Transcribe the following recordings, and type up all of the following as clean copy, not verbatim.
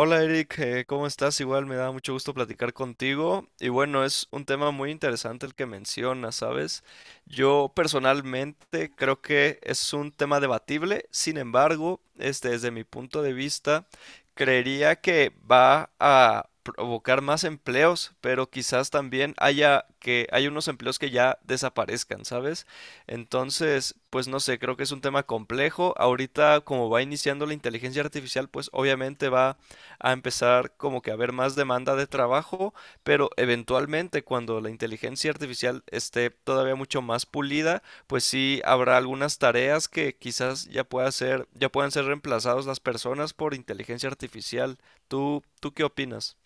Hola Eric, ¿cómo estás? Igual me da mucho gusto platicar contigo. Y bueno, es un tema muy interesante el que mencionas, ¿sabes? Yo personalmente creo que es un tema debatible, sin embargo, desde mi punto de vista, creería que va a provocar más empleos, pero quizás también haya que hay unos empleos que ya desaparezcan, ¿sabes? Entonces, pues no sé, creo que es un tema complejo. Ahorita, como va iniciando la inteligencia artificial, pues obviamente va a empezar como que a haber más demanda de trabajo, pero eventualmente cuando la inteligencia artificial esté todavía mucho más pulida, pues sí habrá algunas tareas que quizás ya puedan ser reemplazadas las personas por inteligencia artificial. ¿Tú qué opinas?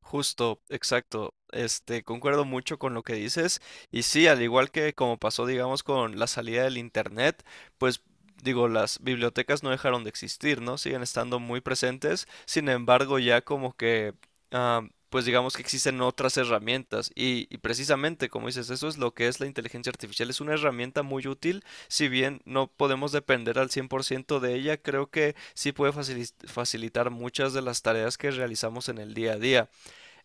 Justo, exacto. Concuerdo mucho con lo que dices. Y sí, al igual que como pasó, digamos, con la salida del internet, pues digo, las bibliotecas no dejaron de existir, ¿no? Siguen estando muy presentes. Sin embargo, ya como que, ah, pues digamos que existen otras herramientas. Y precisamente, como dices, eso es lo que es la inteligencia artificial. Es una herramienta muy útil. Si bien no podemos depender al 100% de ella, creo que sí puede facilitar muchas de las tareas que realizamos en el día a día.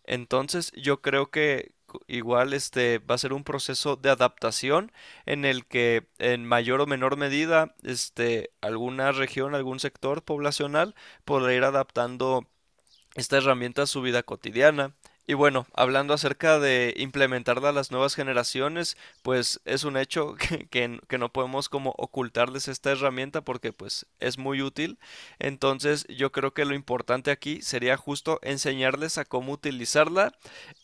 Entonces, yo creo que igual este va a ser un proceso de adaptación en el que en mayor o menor medida este alguna región, algún sector poblacional podrá ir adaptando esta herramienta a su vida cotidiana. Y bueno, hablando acerca de implementarla a las nuevas generaciones, pues es un hecho que, que no podemos como ocultarles esta herramienta porque pues es muy útil. Entonces yo creo que lo importante aquí sería justo enseñarles a cómo utilizarla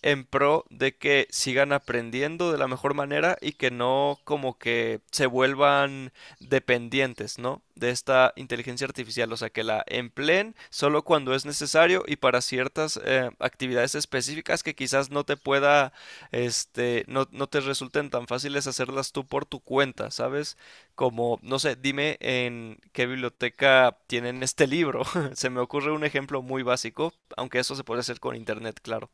en pro de que sigan aprendiendo de la mejor manera y que no como que se vuelvan dependientes, ¿no? De esta inteligencia artificial, o sea, que la empleen solo cuando es necesario y para ciertas actividades específicas que quizás no te pueda, no te resulten tan fáciles hacerlas tú por tu cuenta, ¿sabes? Como, no sé, dime en qué biblioteca tienen este libro. Se me ocurre un ejemplo muy básico, aunque eso se puede hacer con internet, claro.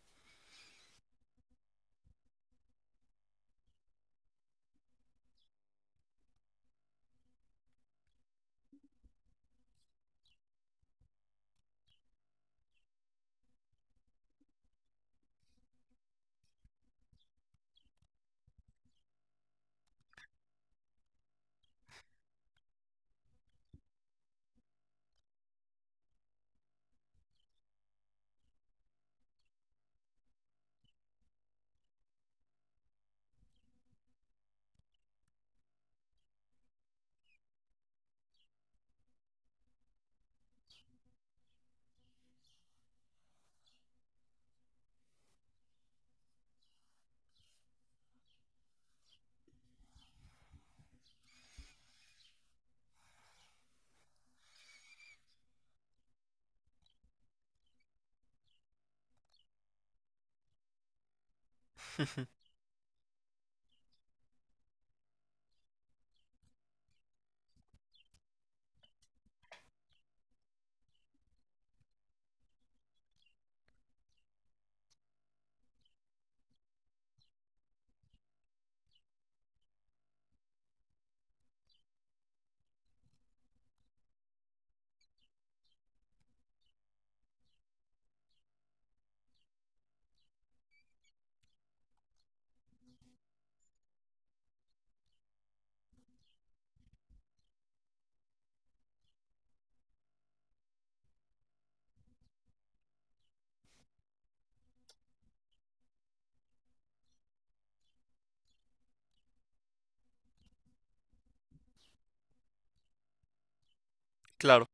Claro.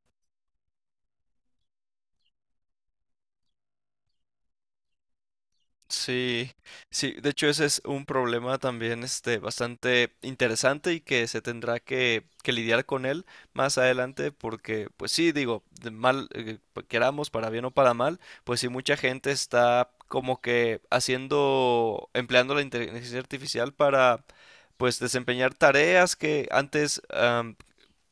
Sí, sí, de hecho ese es un problema también este bastante interesante y que se tendrá que lidiar con él más adelante porque pues sí, digo, queramos para bien o para mal, pues sí mucha gente está como que haciendo empleando la inteligencia artificial para pues desempeñar tareas que antes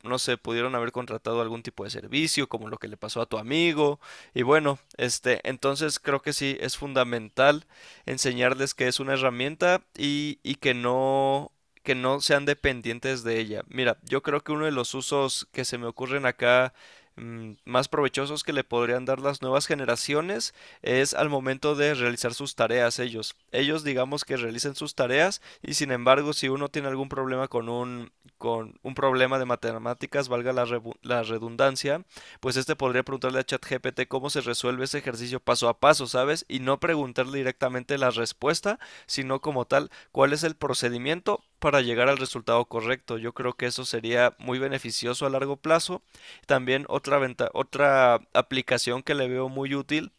no sé, pudieron haber contratado algún tipo de servicio, como lo que le pasó a tu amigo. Y bueno, este, entonces creo que sí es fundamental enseñarles que es una herramienta y, que no sean dependientes de ella. Mira, yo creo que uno de los usos que se me ocurren acá más provechosos que le podrían dar las nuevas generaciones es al momento de realizar sus tareas ellos. Ellos digamos que realicen sus tareas y sin embargo si uno tiene algún problema con un problema de matemáticas, valga la, la redundancia, pues este podría preguntarle a ChatGPT cómo se resuelve ese ejercicio paso a paso, ¿sabes? Y no preguntarle directamente la respuesta, sino como tal, cuál es el procedimiento para llegar al resultado correcto. Yo creo que eso sería muy beneficioso a largo plazo. También otra aplicación que le veo muy útil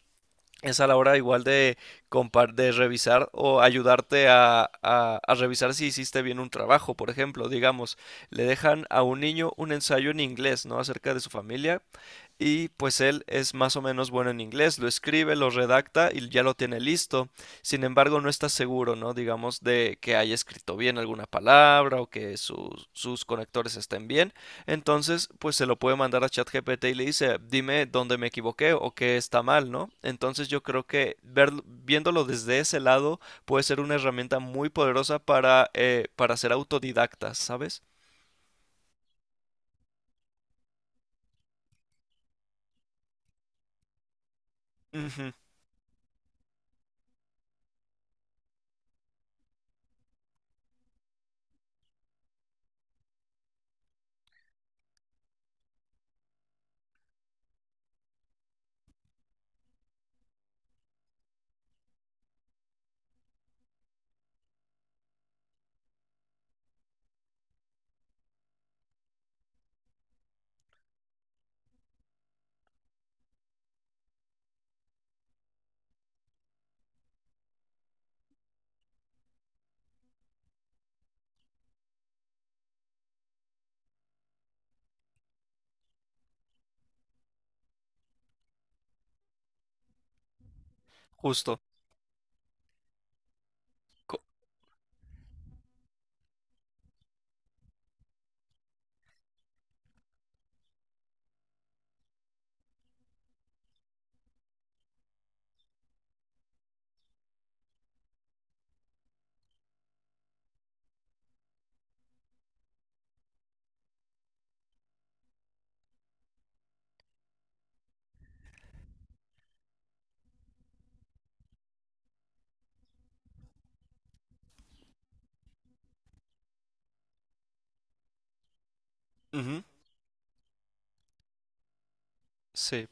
es a la hora igual de, de revisar o ayudarte a, a revisar si hiciste bien un trabajo. Por ejemplo, digamos, le dejan a un niño un ensayo en inglés, ¿no? Acerca de su familia y pues él es más o menos bueno en inglés, lo escribe, lo redacta y ya lo tiene listo. Sin embargo, no está seguro, ¿no? Digamos, de que haya escrito bien alguna palabra o que sus conectores estén bien. Entonces, pues se lo puede mandar a ChatGPT y le dice, dime dónde me equivoqué o qué está mal, ¿no? Entonces yo creo que viéndolo desde ese lado puede ser una herramienta muy poderosa para ser autodidactas, ¿sabes? Ujú, justo. Co- ujú, sí.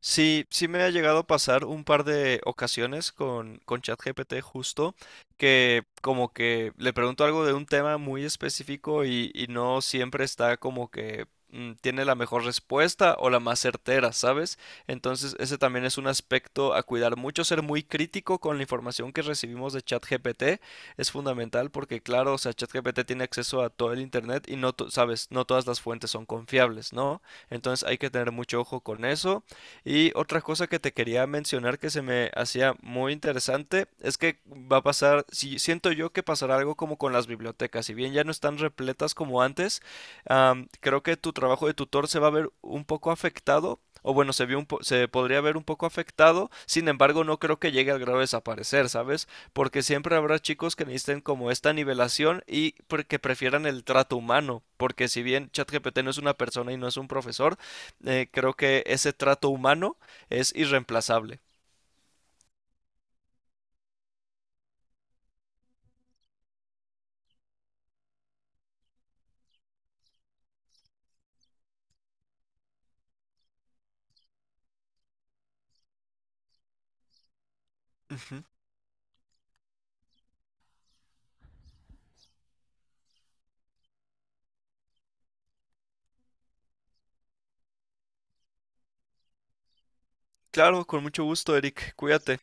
Sí, sí me ha llegado a pasar un par de ocasiones con ChatGPT justo, que como que le pregunto algo de un tema muy específico y no siempre está como que tiene la mejor respuesta o la más certera, ¿sabes? Entonces ese también es un aspecto a cuidar mucho, ser muy crítico con la información que recibimos de ChatGPT es fundamental porque claro, o sea, ChatGPT tiene acceso a todo el internet y no, sabes, no todas las fuentes son confiables, ¿no? Entonces hay que tener mucho ojo con eso. Y otra cosa que te quería mencionar que se me hacía muy interesante es que va a pasar, si siento yo que pasará algo como con las bibliotecas, si bien ya no están repletas como antes, creo que tu trabajo de tutor se va a ver un poco afectado, o bueno, se podría ver un poco afectado, sin embargo, no creo que llegue al grado de desaparecer, ¿sabes? Porque siempre habrá chicos que necesiten como esta nivelación y porque prefieran el trato humano, porque si bien ChatGPT no es una persona y no es un profesor, creo que ese trato humano es irreemplazable. Ujú. Claro, con mucho gusto, Eric. Cuídate.